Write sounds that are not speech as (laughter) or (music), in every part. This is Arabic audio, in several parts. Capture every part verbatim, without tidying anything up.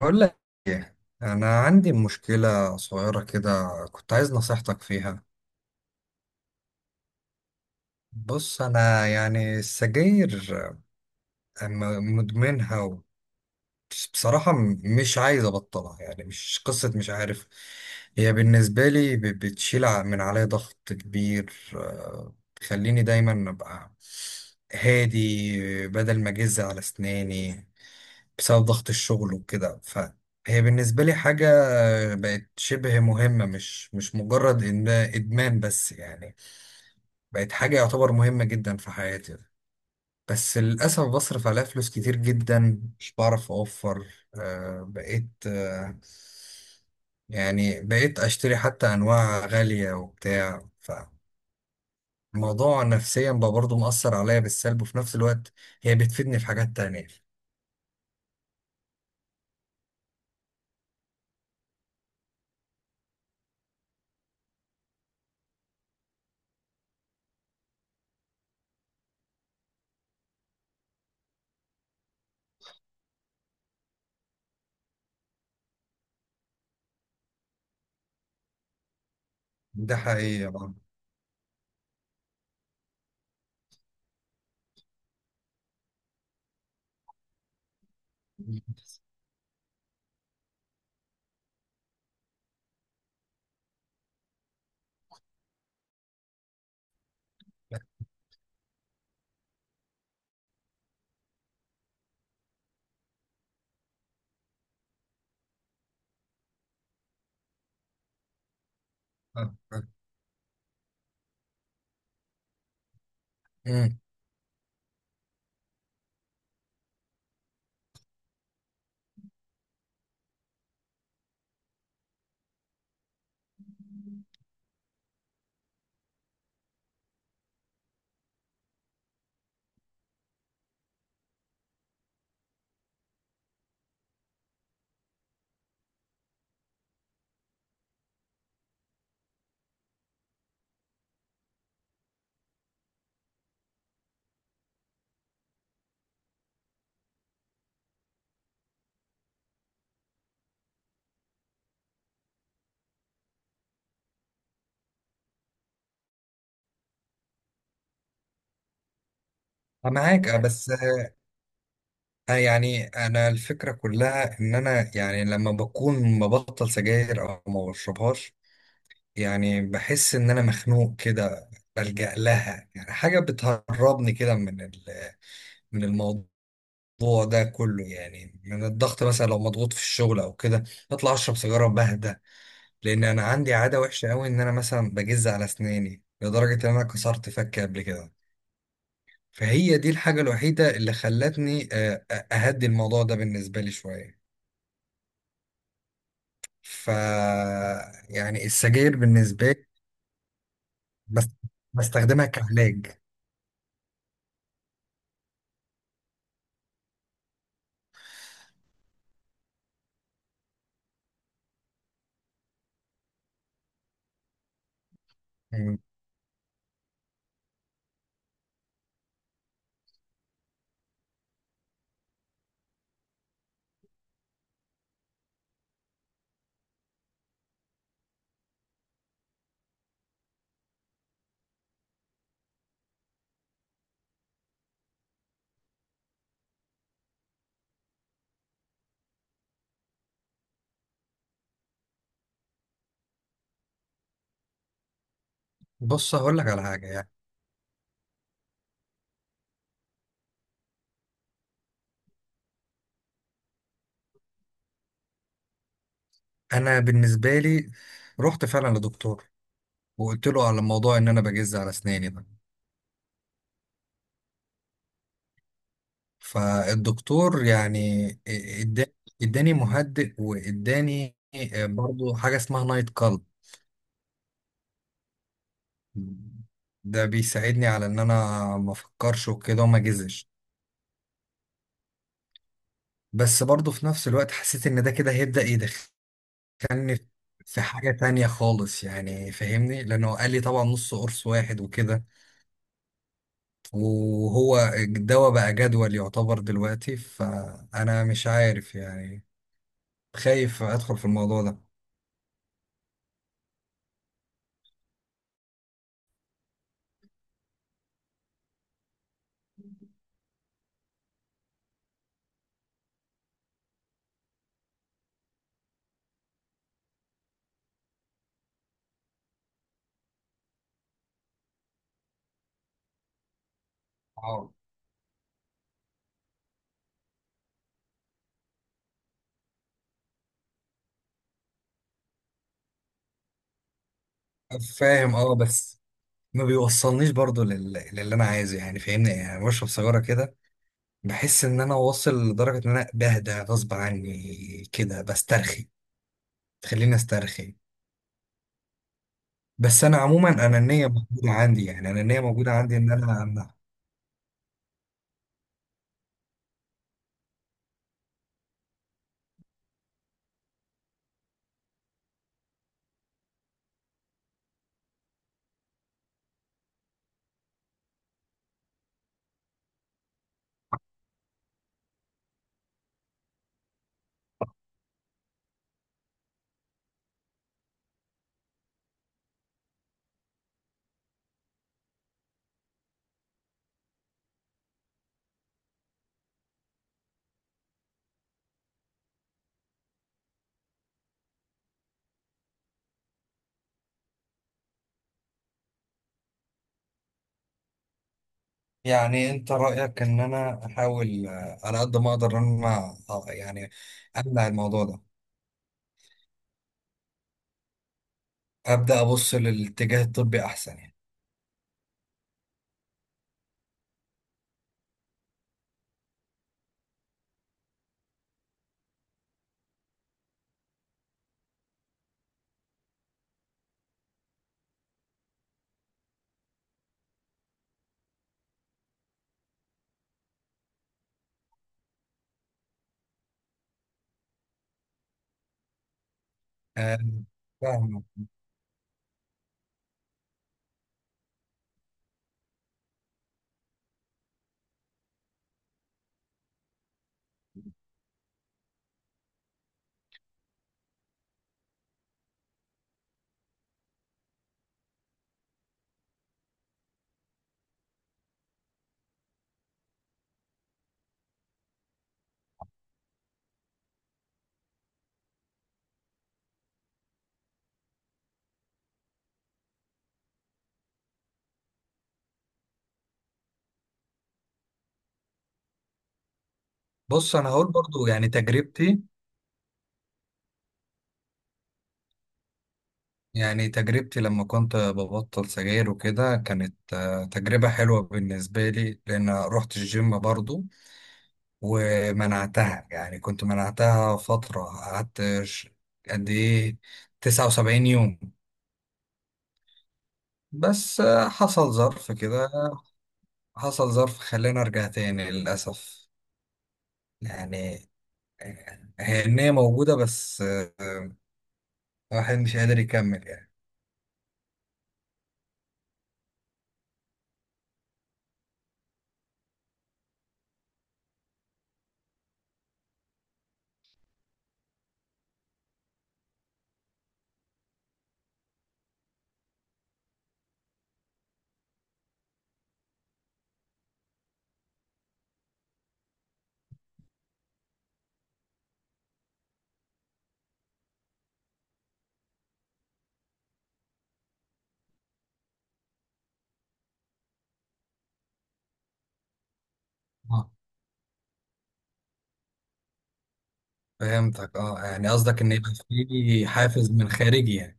بقول لك، انا عندي مشكله صغيره كده. كنت عايز نصيحتك فيها. بص، انا يعني السجاير م- مدمنها و- بصراحه م- مش عايز ابطلها. يعني مش قصه، مش عارف. هي بالنسبه لي ب- بتشيل ع- من عليا ضغط كبير، آه، تخليني دايما ابقى هادي بدل ما اجز على اسناني بسبب ضغط الشغل وكده. فهي بالنسبة لي حاجة بقت شبه مهمة، مش مش مجرد إن إدمان بس. يعني بقت حاجة يعتبر مهمة جدا في حياتي. بس للأسف بصرف عليها فلوس كتير جدا، مش بعرف أوفر. آه، بقيت آه، يعني بقيت أشتري حتى أنواع غالية وبتاع. فالموضوع نفسيا بقى برضه مؤثر عليا بالسلب، وفي نفس الوقت هي بتفيدني في حاجات تانية. ده حقيقة. بقى أنا معاك، آه، بس آه، يعني انا الفكره كلها ان انا يعني لما بكون مبطل سجاير او ما بشربهاش، يعني بحس ان انا مخنوق كده. بلجأ لها، يعني حاجه بتهربني كده من ال- من الموضوع ده كله. يعني من الضغط، مثلا لو مضغوط في الشغل او كده، بطلع اشرب سيجاره بهدى. لان انا عندي عاده وحشه قوي، ان انا مثلا بجز على اسناني لدرجه ان انا كسرت فكي قبل كده. فهي دي الحاجة الوحيدة اللي خلتني، آه، أهدي الموضوع ده بالنسبة لي شوية. ف يعني السجاير بالنسبة لي بس بستخدمها كعلاج. مم. بص، هقول لك على حاجة. يعني أنا بالنسبة لي رحت فعلا لدكتور وقلت له على موضوع إن أنا بجز على أسناني ده. فالدكتور يعني إدا- إداني مهدئ وإداني، آه، برضو حاجة اسمها نايت كلب. ده بيساعدني على ان انا ما افكرش وكده وما اجزش. بس برضه في نفس الوقت حسيت ان ده كده هيبدأ يدخلني في حاجة تانية خالص. يعني فاهمني، لانه قال لي طبعا نص قرص واحد وكده، وهو الدواء بقى جدول يعتبر دلوقتي. فانا مش عارف يعني، خايف ادخل في الموضوع ده. اه، فاهم، اه، بس ما بيوصلنيش برضه لل... للي انا عايزه. يعني فاهمني، يعني بشرب سيجارة كده بحس ان انا واصل لدرجة ان انا بهدى غصب عني كده، بسترخي، تخليني استرخي. بس انا عموما انانيه موجوده عندي، يعني انانيه موجوده عندي ان انا أمنع. يعني انت رايك ان انا احاول، آه، على قد ما اقدر ان انا، آه، يعني امنع الموضوع ده. ابدا ابص للاتجاه الطبي احسن يعني. آه، فاهم. بص، انا هقول برضو يعني تجربتي. يعني تجربتي لما كنت ببطل سجاير وكده كانت، آه، تجربه حلوه بالنسبه لي، لان رحت الجيم برضو ومنعتها. يعني كنت منعتها فترة، قعدت ش- قد إيه، تسعه وسبعين يوم. بس آه، حصل ظرف كده، حصل ظرف خلاني أرجع تاني للأسف. يعني آه، هي النية موجودة، بس آه، الواحد مش قادر يكمل يعني. آه. فهمتك، اه، يعني قصدك إن يبقى في حافز من خارجي يعني.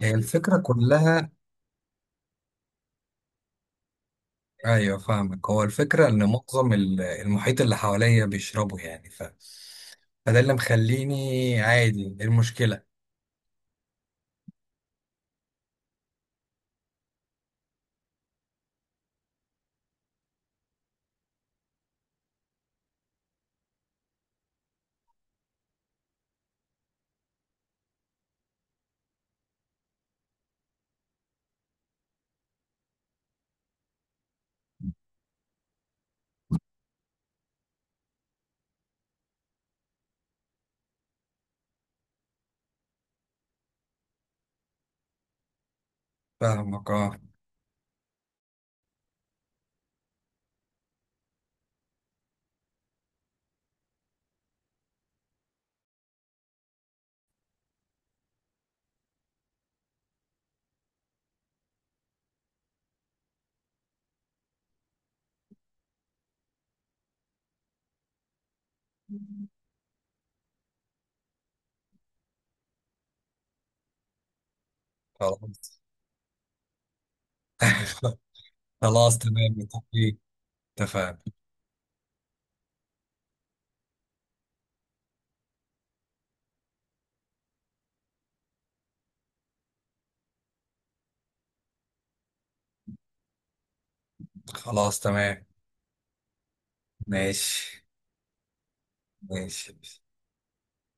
هي الفكرة كلها، ايوه، فاهمك. هو الفكره ان معظم ال- المحيط اللي حواليا بيشربوا يعني ف... فده اللي مخليني عادي. إيه المشكله؟ فاهمك، اه. خلاص. (laughs) خلاص تمام، متفقين. اتفقنا. خلاص تمام. ماشي. ماشي.